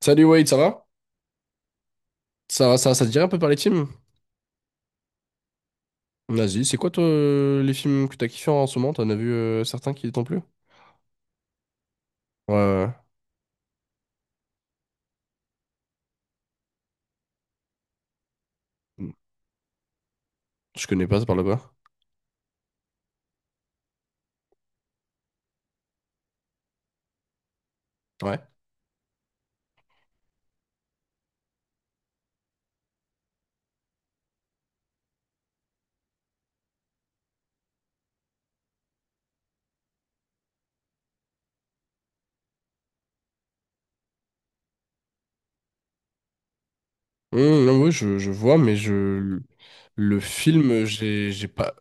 Salut Wade, ça va? Ça te dirait un peu par les films? Vas-y, c'est quoi toi les films que t'as kiffé en ce moment? T'en as vu certains qui t'ont plu? Ouais, ouais. Ouais. Je connais pas, ça parle de quoi? Ouais. Non, oui, je vois, mais je le film, j'ai pas.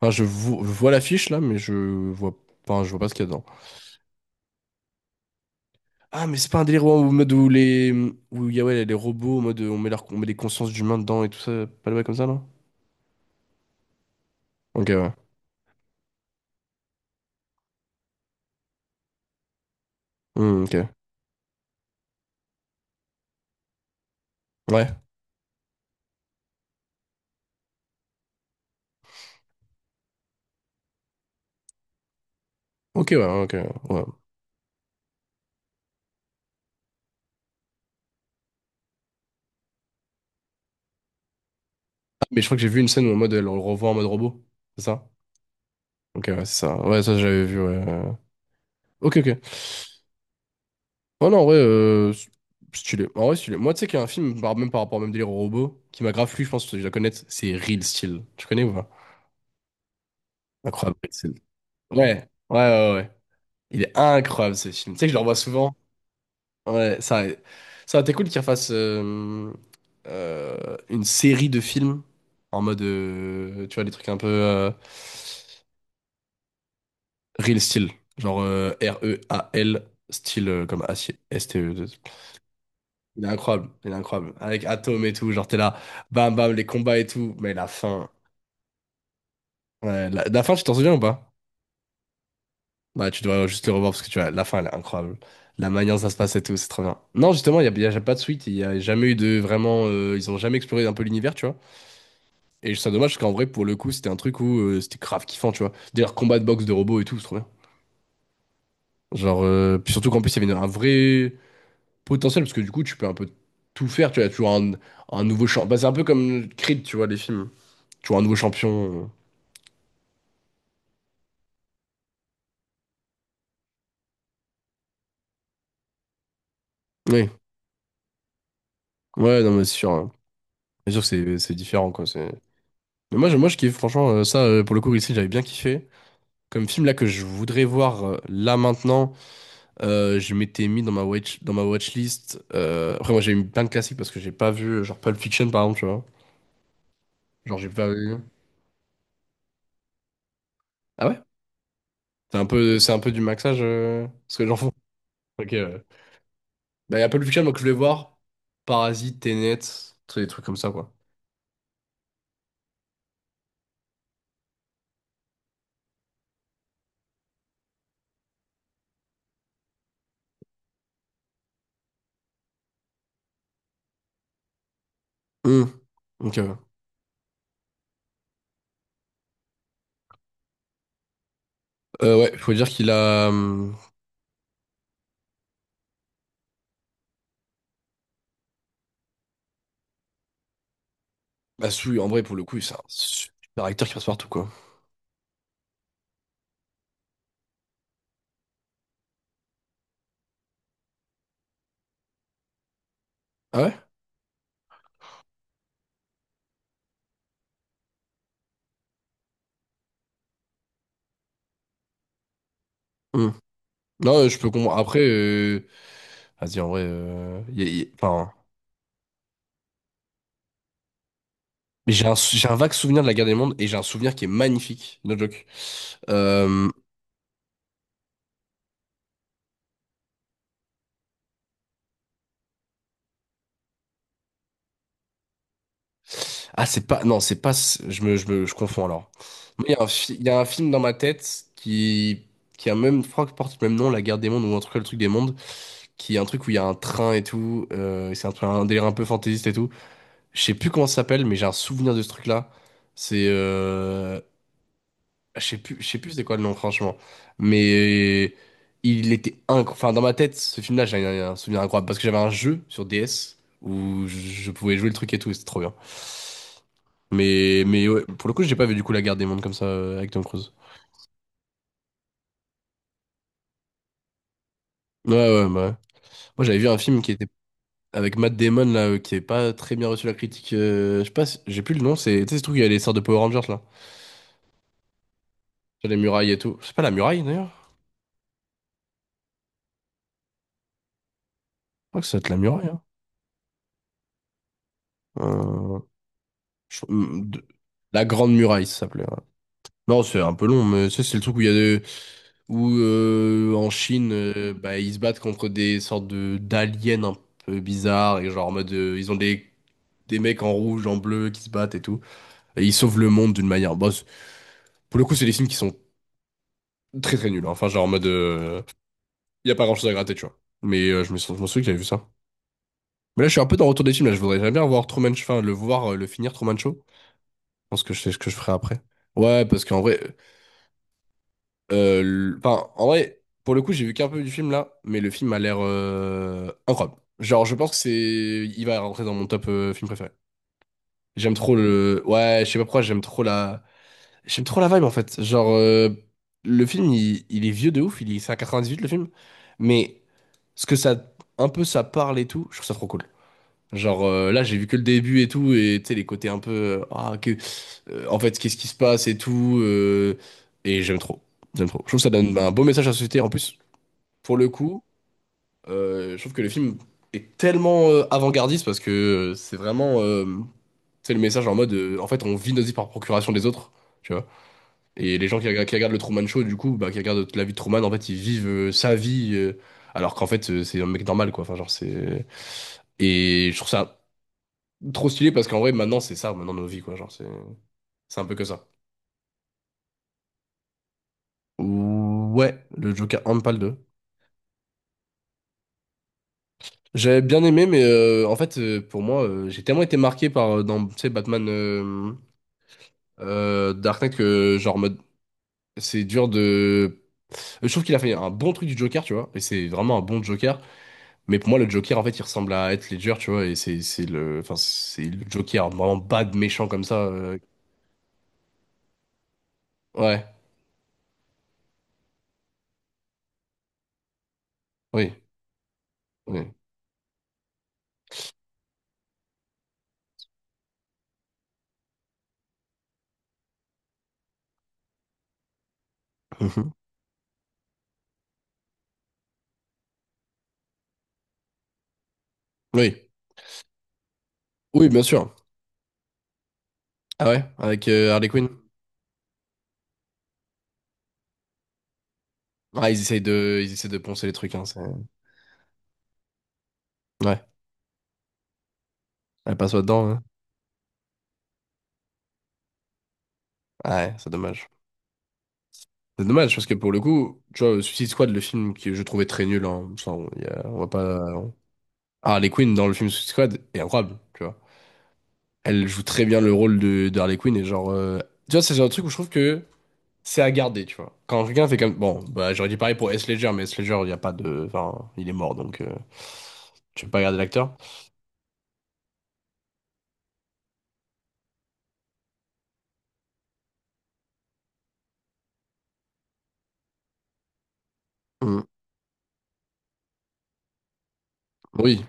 Enfin, je vois l'affiche là, mais vois je vois pas ce qu'il y a dedans. Ah, mais c'est pas un délire où, en mode où les où il y a ouais, les robots, en mode on met leur, on met des consciences d'humains dedans et tout ça, pas le bail comme ça, non? Ok, ouais. Ok. Ouais. Ok, ouais, ok. Ouais. Mais je crois que j'ai vu une scène où en mode elle le revoit en mode robot. C'est ça? Ok, ouais, c'est ça. Ouais, ça j'avais vu, ouais. Ok, ok. Ouais, non, en vrai, stylé. En vrai, stylé. Moi, tu sais qu'il y a un film, même par rapport au même délire au robot, qui m'a grave plu, je pense que tu dois connaître, c'est Real Steel. Tu connais ou pas? Incroyable, Real Steel. Ouais, ouais, ouais, ouais. Il est incroyable ce film. Tu sais que je le revois souvent. Ouais, ça aurait été cool qu'il refasse une série de films en mode, tu vois, des trucs un peu. Real Steel, genre Real, style comme acier, S-T-E. Il est incroyable, il est incroyable. Avec Atom et tout, genre t'es là, bam bam, les combats et tout, mais la fin. Ouais, la fin, tu t'en souviens ou pas? Bah, tu dois juste le revoir parce que tu vois, la fin, elle est incroyable. La manière dont ça se passe et tout, c'est trop bien. Non, justement, y a pas de suite, il n'y a jamais eu de vraiment. Ils ont jamais exploré un peu l'univers, tu vois. Et c'est dommage parce qu'en vrai, pour le coup, c'était un truc où c'était grave kiffant, tu vois. D'ailleurs, combat de boxe de robots et tout, c'est trop bien. Genre, puis surtout qu'en plus, il y avait une- un vrai potentiel, parce que du coup, tu peux un peu tout faire. Tu as toujours un nouveau champ. Bah, c'est un peu comme Creed, tu vois, les films. Tu vois, un nouveau champion. Oui, ouais, non, mais c'est sûr, hein. C'est sûr que c'est différent, quoi. Mais moi, moi, je kiffe, franchement, ça, pour le coup, ici, j'avais bien kiffé. Comme film là que je voudrais voir là maintenant, je m'étais mis dans ma watch, dans ma watchlist. Après, moi, j'ai mis plein de classiques parce que j'ai pas vu, genre Pulp Fiction, par exemple, tu vois. Genre, j'ai pas vu. Ah ouais? C'est un peu du maxage, ce que j'en fous. Ok, ouais. Bah, il y a Pulp Fiction, donc je voulais voir Parasite, Tenet, tu sais, des trucs comme ça, quoi. Hum, Ok. Ouais, faut dire qu'il a. Hum. Bah, Sui, en vrai, pour le coup, c'est un super acteur qui passe partout, quoi. Ah ouais? Hum. Non, je peux comprendre. Après... Vas-y, en vrai. Enfin. Mais j'ai un, j'ai un vague souvenir de la guerre des mondes et j'ai un souvenir qui est magnifique, no joke. Euh, Ah, c'est pas. Non, c'est pas. Je confonds alors. Moi, il y a un, il y a un film dans ma tête qui a même. Je crois que porte le même nom, La Guerre des Mondes, ou en tout cas le truc des mondes, qui est un truc où il y a un train et tout. C'est un, un délire un peu fantaisiste et tout. Je sais plus comment ça s'appelle, mais j'ai un souvenir de ce truc-là. C'est. Je sais plus, je sais plus c'est quoi le nom, franchement. Mais il était incroyable. Enfin, dans ma tête, ce film-là, j'ai un souvenir incroyable. Parce que j'avais un jeu sur DS où je pouvais jouer le truc et tout, et c'était trop bien. Mais ouais, pour le coup, j'ai pas vu du coup La Guerre des Mondes comme ça avec Tom Cruise. Ouais, ouais, bah ouais. Moi, j'avais vu un film qui était avec Matt Damon, là, qui avait pas très bien reçu la critique. Je sais pas, j'ai plus le nom, c'est. Tu sais, ce truc, il y a les sortes de Power Rangers, là. Sur les murailles et tout. C'est pas la muraille, d'ailleurs? Je crois que ça doit être la muraille, hein. Euh, je- de- La Grande Muraille, ça s'appelait. Non, c'est un peu long, mais ça, c'est le truc où il y a de... Où en Chine, bah, ils se battent contre des sortes de d'aliens un peu bizarres, et genre en mode, ils ont des... Des mecs en rouge, en bleu qui se battent et tout. Et ils sauvent le monde d'une manière. Pour le coup, c'est des films qui sont très très nuls, hein. Enfin, genre en mode, il y a pas grand-chose à gratter, tu vois. Mais je me souviens que j'avais vu ça. Mais là, je suis un peu dans le retour des films, là, je voudrais j'aimerais bien voir Truman Show, enfin, le voir, le finir Truman Show. Je pense que je sais ce que je ferai après. Ouais, parce qu'en vrai, Enfin, en vrai, pour le coup, j'ai vu qu'un peu du film là, mais le film a l'air incroyable. Genre, je pense que c'est, il va rentrer dans mon top film préféré. J'aime trop le, ouais, je sais pas pourquoi, j'aime trop la vibe en fait. Genre, le film, il est vieux de ouf, il est, c'est à 98 le film, mais ce que ça, un peu ça parle et tout, je trouve ça trop cool. Genre là j'ai vu que le début et tout et tu sais les côtés un peu ah que en fait qu'est-ce qui se passe et tout, et j'aime trop j'aime trop, je trouve que ça donne bah, un beau message à la société en plus pour le coup. Je trouve que le film est tellement avant-gardiste parce que c'est vraiment, tu sais, le message en mode en fait on vit nos vies par procuration des autres, tu vois, et les gens qui, qui regardent le Truman Show du coup bah qui regardent la vie de Truman, en fait ils vivent sa vie, alors qu'en fait c'est un mec normal quoi, enfin genre c'est, et je trouve ça trop stylé parce qu'en vrai, maintenant, c'est ça, maintenant nos vies, quoi. Genre, c'est un peu que ça. Ouais, le Joker Handball 2. J'avais bien aimé, mais en fait, pour moi, j'ai tellement été marqué par dans, tu sais, Batman Dark Knight que, genre, mode, c'est dur de. Je trouve qu'il a fait un bon truc du Joker, tu vois, et c'est vraiment un bon Joker. Mais pour moi, le Joker, en fait, il ressemble à Heath Ledger, tu vois, et c'est le, enfin, c'est le Joker vraiment bad, méchant comme ça. Ouais, oui, oui. Mhm. Oui, oui, bien sûr. Ah ouais, avec Harley Quinn. Ah, ils essayent de poncer les trucs, hein, c'est- Ouais, elle passe pas dedans, hein. Ouais, c'est dommage. C'est dommage parce que pour le coup, tu vois, Suicide Squad, le film que je trouvais très nul, hein, ça, on, on va pas. Ah, Harley Quinn dans le film Suicide Squad est incroyable, tu vois. Elle joue très bien le rôle de Harley Quinn et genre. Tu vois, c'est un truc où je trouve que c'est à garder, tu vois. Quand quelqu'un fait comme. Bon, bah, j'aurais dit pareil pour S. Ledger, mais S. Ledger, il y a pas de. Enfin, il est mort donc. Tu peux pas garder l'acteur. Mm. Oui,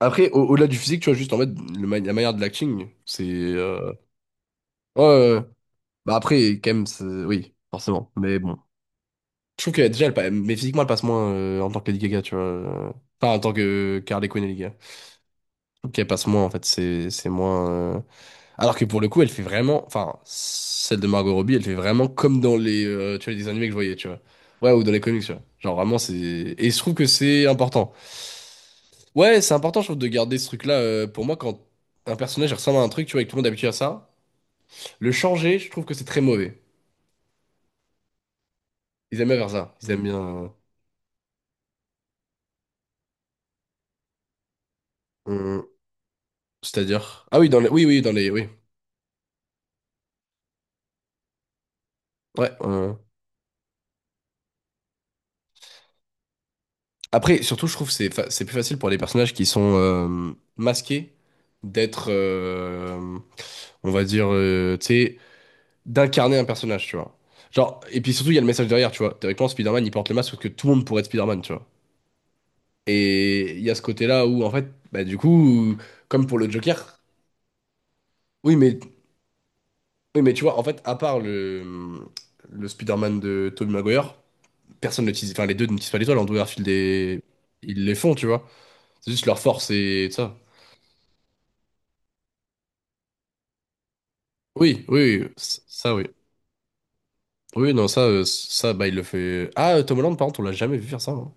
après, au-delà du physique, tu vois, juste en fait, la manière de l'acting, c'est. Ouais, ouais, ouais. Bah après, quand même, c'est- oui, forcément. Mais bon. Je trouve que déjà, elle, mais physiquement, elle passe moins en tant que Lady Gaga, tu vois. Enfin, en tant que Harley Quinn et Lady Gaga. Je trouve qu'elle passe moins, en fait, c'est moins. Alors que pour le coup, elle fait vraiment. Enfin, celle de Margot Robbie, elle fait vraiment comme dans les, tu vois, les dessins animés que je voyais, tu vois. Ouais, ou dans les comics, tu vois. Genre vraiment, c'est. Et je trouve que c'est important. Ouais, c'est important, je trouve, de garder ce truc-là. Pour moi, quand un personnage ressemble à un truc, tu vois, et que tout le monde est habitué à ça, le changer, je trouve que c'est très mauvais. Ils aiment bien faire ça. Ils aiment bien. euh, euh, C'est-à-dire. Ah oui, dans les. Oui, oui, dans les. Oui. Ouais. Après, surtout, je trouve que c'est plus facile pour les personnages qui sont masqués d'être. On va dire. Tu sais, d'incarner un personnage, tu vois. Genre, et puis surtout, il y a le message derrière, tu vois. Théoriquement, Spider-Man, il porte le masque parce que tout le monde pourrait être Spider-Man, tu vois. Et il y a ce côté-là où, en fait, bah, du coup, comme pour le Joker, oui, mais, oui, mais tu vois, en fait, à part le Spider-Man de Tobey Maguire, personne ne tease, enfin, les deux ne teasent pas l'étoile, Andrew Garfield et, ils les font, tu vois. C'est juste leur force et ça. Oui, oui, ça, oui. Oui, non, ça, ça, bah, il le fait. Ah, Tom Holland, par contre, on l'a jamais vu faire ça, hein.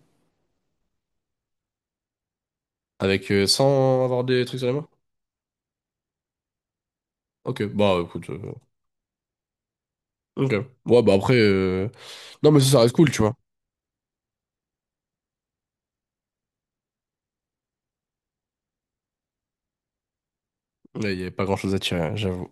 Avec, sans avoir des trucs sur les mains. Ok, bah, écoute, ok. Ouais, bah, après, non, mais ça reste cool, tu vois. Il n'y a pas grand-chose à tirer, hein, j'avoue.